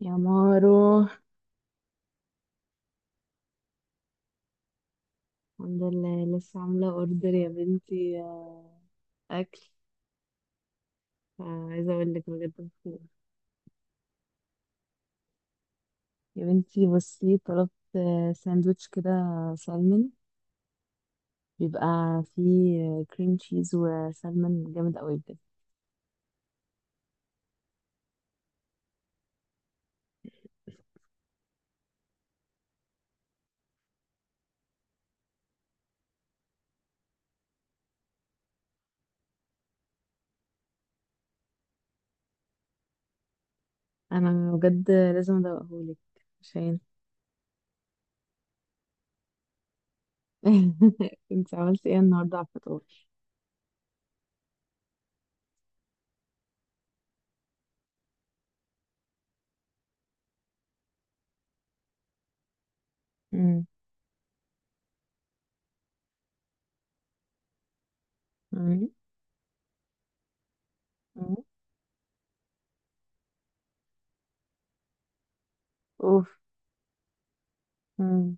يا مارو، الحمد لله لسه عاملة اوردر يا بنتي. أكل. عايزة أقول لك بجد مبسوطة. يا بنتي بصي، طلبت ساندوتش كده سالمون، بيبقى فيه كريم تشيز وسالمون جامد قوي بجد. أنا بجد لازم أدوقهولك عشان... انت عملتي ايه النهاردة على الفطار؟ مم. مم. مم. اوف. مم.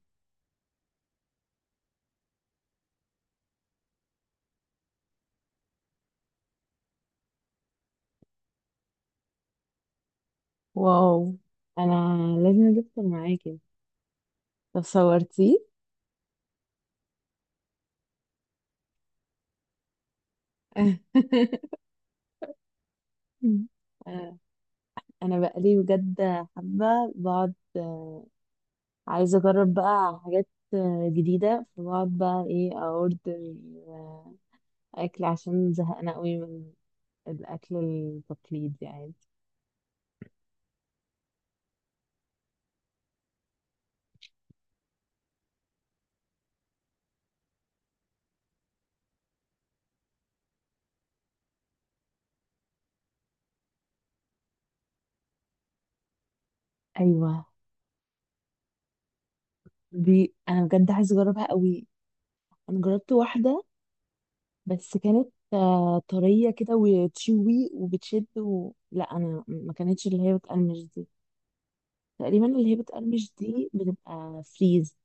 واو. أنا لازم أجيبه معاكي. طب صورتيه؟ آه، انا بقالي بجد حابه بقعد، آه، عايزه اجرب بقى حاجات جديده، فبقعد بقى ايه اوردر آه، اكل عشان زهقانه قوي من الاكل التقليدي يعني. ايوه، دي انا بجد عايزه اجربها قوي. انا جربت واحده بس كانت طريه كده وتشوي وبتشد لا، انا ما كانتش اللي هي بتقرمش دي. تقريبا اللي هي بتقرمش دي بتبقى فريز.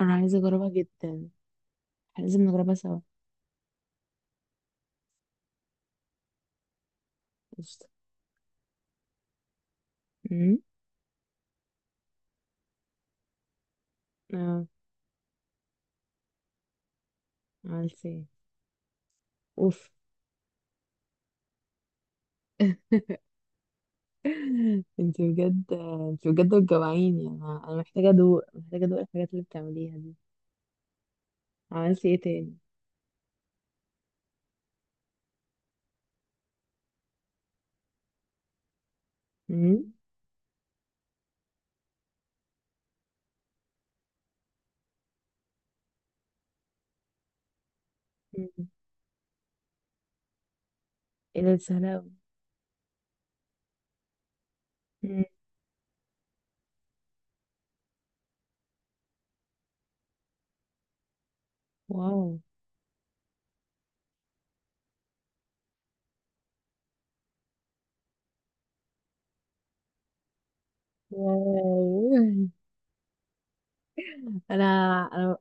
انا عايزه اجربها جدا. إحنا لازم نجربها سوا. قشطة. امم. اه. عالسي. اوف. انت بجد انت بجد بتجوعيني. انا محتاجه ادوق الحاجات اللي بتعمليها دي. عملتي ايه تاني؟ امم. أمم. ايه ده؟ دي سهله أوي. أمم. واو. واو. انا، انا.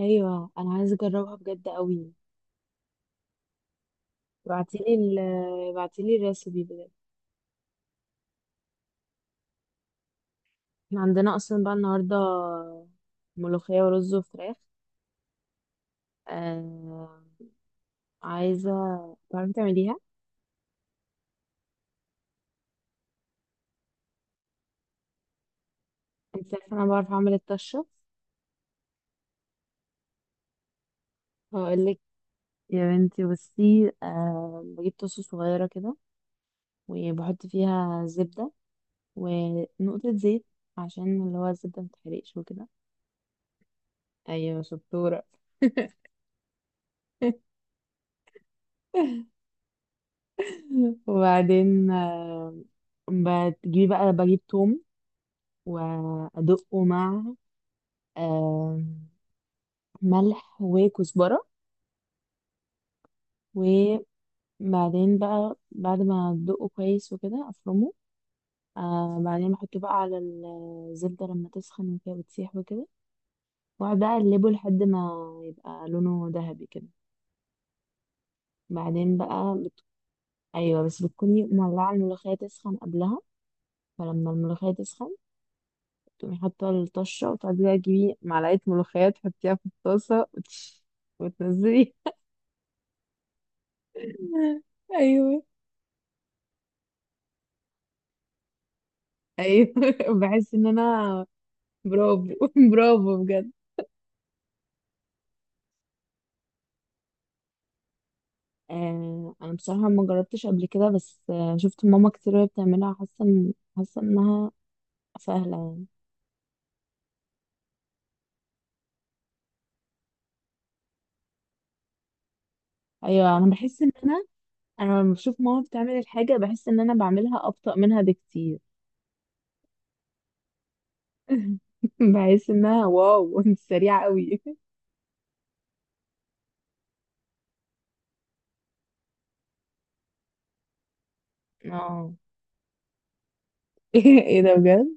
ايوه انا عايزه اجربها بجد قوي. ابعتيلي ال ابعتيلي الريسبي بجد. احنا عندنا اصلا بقى النهارده ملوخيه ورز وفراخ. آه... عايزه تعرفي تعمليها. انت عارفه انا بعرف اعمل الطشه. هقول لك. يا بنتي بصي، بجيب طاسة صغيرة كده وبحط فيها زبدة ونقطة زيت عشان اللي هو الزبدة متحرقش وكده. أيوة شطورة. وبعدين، بتجيبي بقى بجيب توم وأدقه مع آه، ملح وكزبرة. وبعدين بقى بعد ما أدقه كويس وكده أفرمه. بعدين بحطه بقى على الزبدة لما تسخن وكده بتسيح وكده. واقعد بقى اقلبه لحد ما يبقى لونه ذهبي كده. بعدين بقى ايوه، بس بتكوني مولعه الملوخيه تسخن قبلها. فلما الملوخيه تسخن تقومي حاطه الطشه وتقعدي بقى تجيبي معلقه ملوخيه تحطيها في الطاسه وتنزلي. ايوه، ايوه. بحس ان انا برافو. برافو بجد. انا بصراحه ما جربتش قبل كده، بس شفت ماما كتير وهي بتعملها. حاسه انها سهله يعني. ايوه انا بحس ان انا لما بشوف ماما بتعمل الحاجه بحس ان انا بعملها ابطأ منها بكتير. بحس انها واو. انت سريعه قوي. اه. ايه ده بجد؟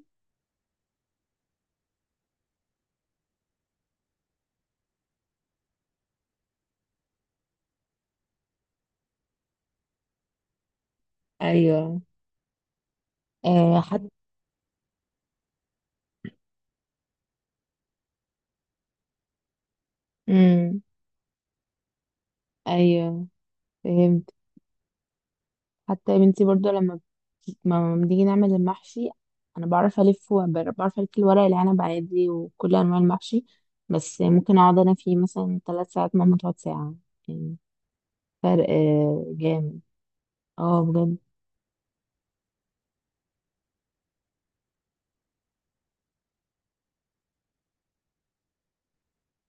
ايوه. حتى. امم. ايوه فهمت. حتى يا بنتي برضو، ما بنيجي نعمل المحشي. انا بعرف الف الورق العنب عادي وكل انواع المحشي. بس ممكن اقعد انا فيه مثلا 3 ساعات، ماما تقعد ساعه يعني. فرق جامد. اه بجد.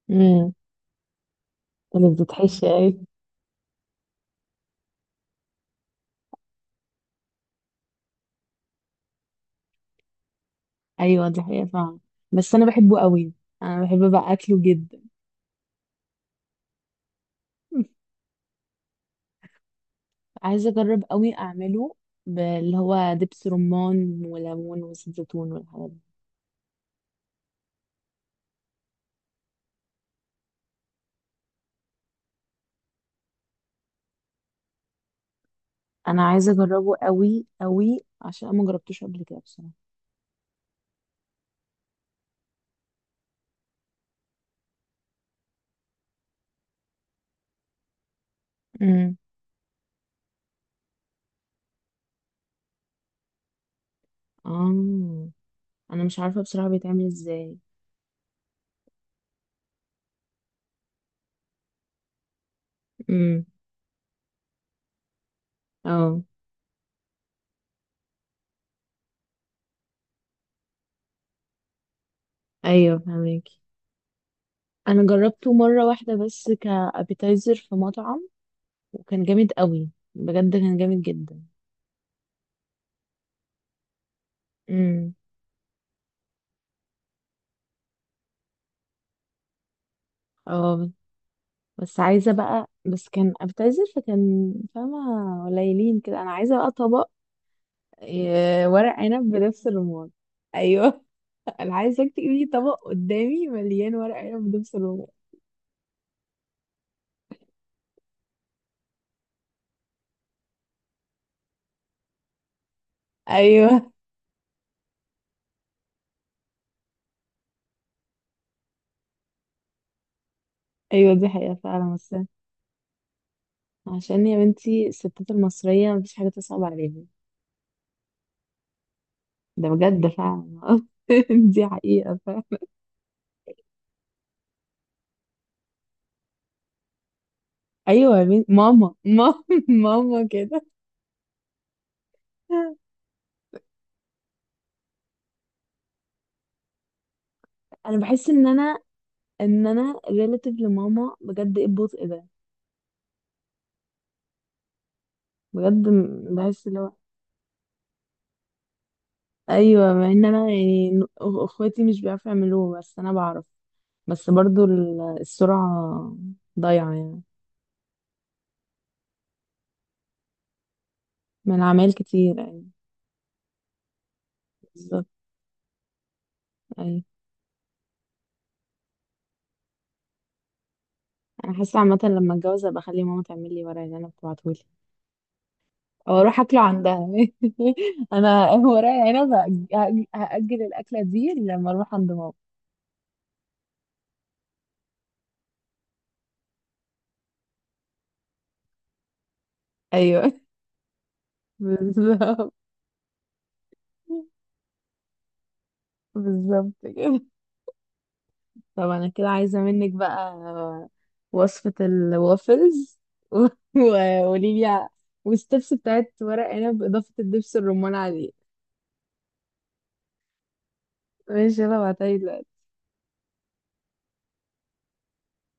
امم. اللي بتتحشي. ايوه دي حقيقة فعلا، بس انا بحبه قوي. انا بحب بقى اكله جدا. عايزة اجرب قوي اعمله، اللي هو دبس رمان وليمون وزيت زيتون والحاجات دي. انا عايزة اجربه قوي قوي عشان انا ما جربتوش قبل كده بصراحة. امم. اه. انا مش عارفة بصراحة بيتعمل ازاي. امم. اه. ايوه فهماكي. انا جربته مرة واحدة بس كابيتايزر في مطعم، وكان جامد قوي. بجد كان جامد جدا. امم. اه. بس عايزة بقى، بس كان أبتذل فكان، فاهمة، قليلين كده. أنا عايزة بقى طبق ورق عنب بنفس الرمان. أيوه. أنا عايزة تجيبي طبق قدامي مليان ورق عنب بنفس الرمان. أيوه. أيوه دي حقيقة فعلا، بس عشان يا بنتي الستات المصرية مفيش حاجة تصعب عليهم. ده بجد فعلا. دي حقيقة فعلا. أيوه يا بنتي، ماما، ماما. ماما كده. أنا بحس إن أنا ريلاتيف لماما، بجد إيه البطء ده. بجد بحس اللي هو. ايوه مع ان انا يعني اخواتي مش بيعرفوا يعملوه، بس انا بعرف. بس برضو السرعه ضايعه يعني. من عمال كتير يعني. بالظبط. ايوه. انا حاسه عامه لما اتجوز ابقى اخلي ماما تعمل لي ورق العنب تبعتهولي. او اروح اكله عندها. انا ورق العنب هاجل الاكله دي لما اروح عند ماما. ايوه. بالظبط. بالظبط كده. طب انا كده عايزة منك بقى وصفة الوافلز. وقولي لي. والستبس بتاعت ورق عنب بإضافة الدبس الرمان عليه. ماشي، يلا بعتها لي دلوقتي.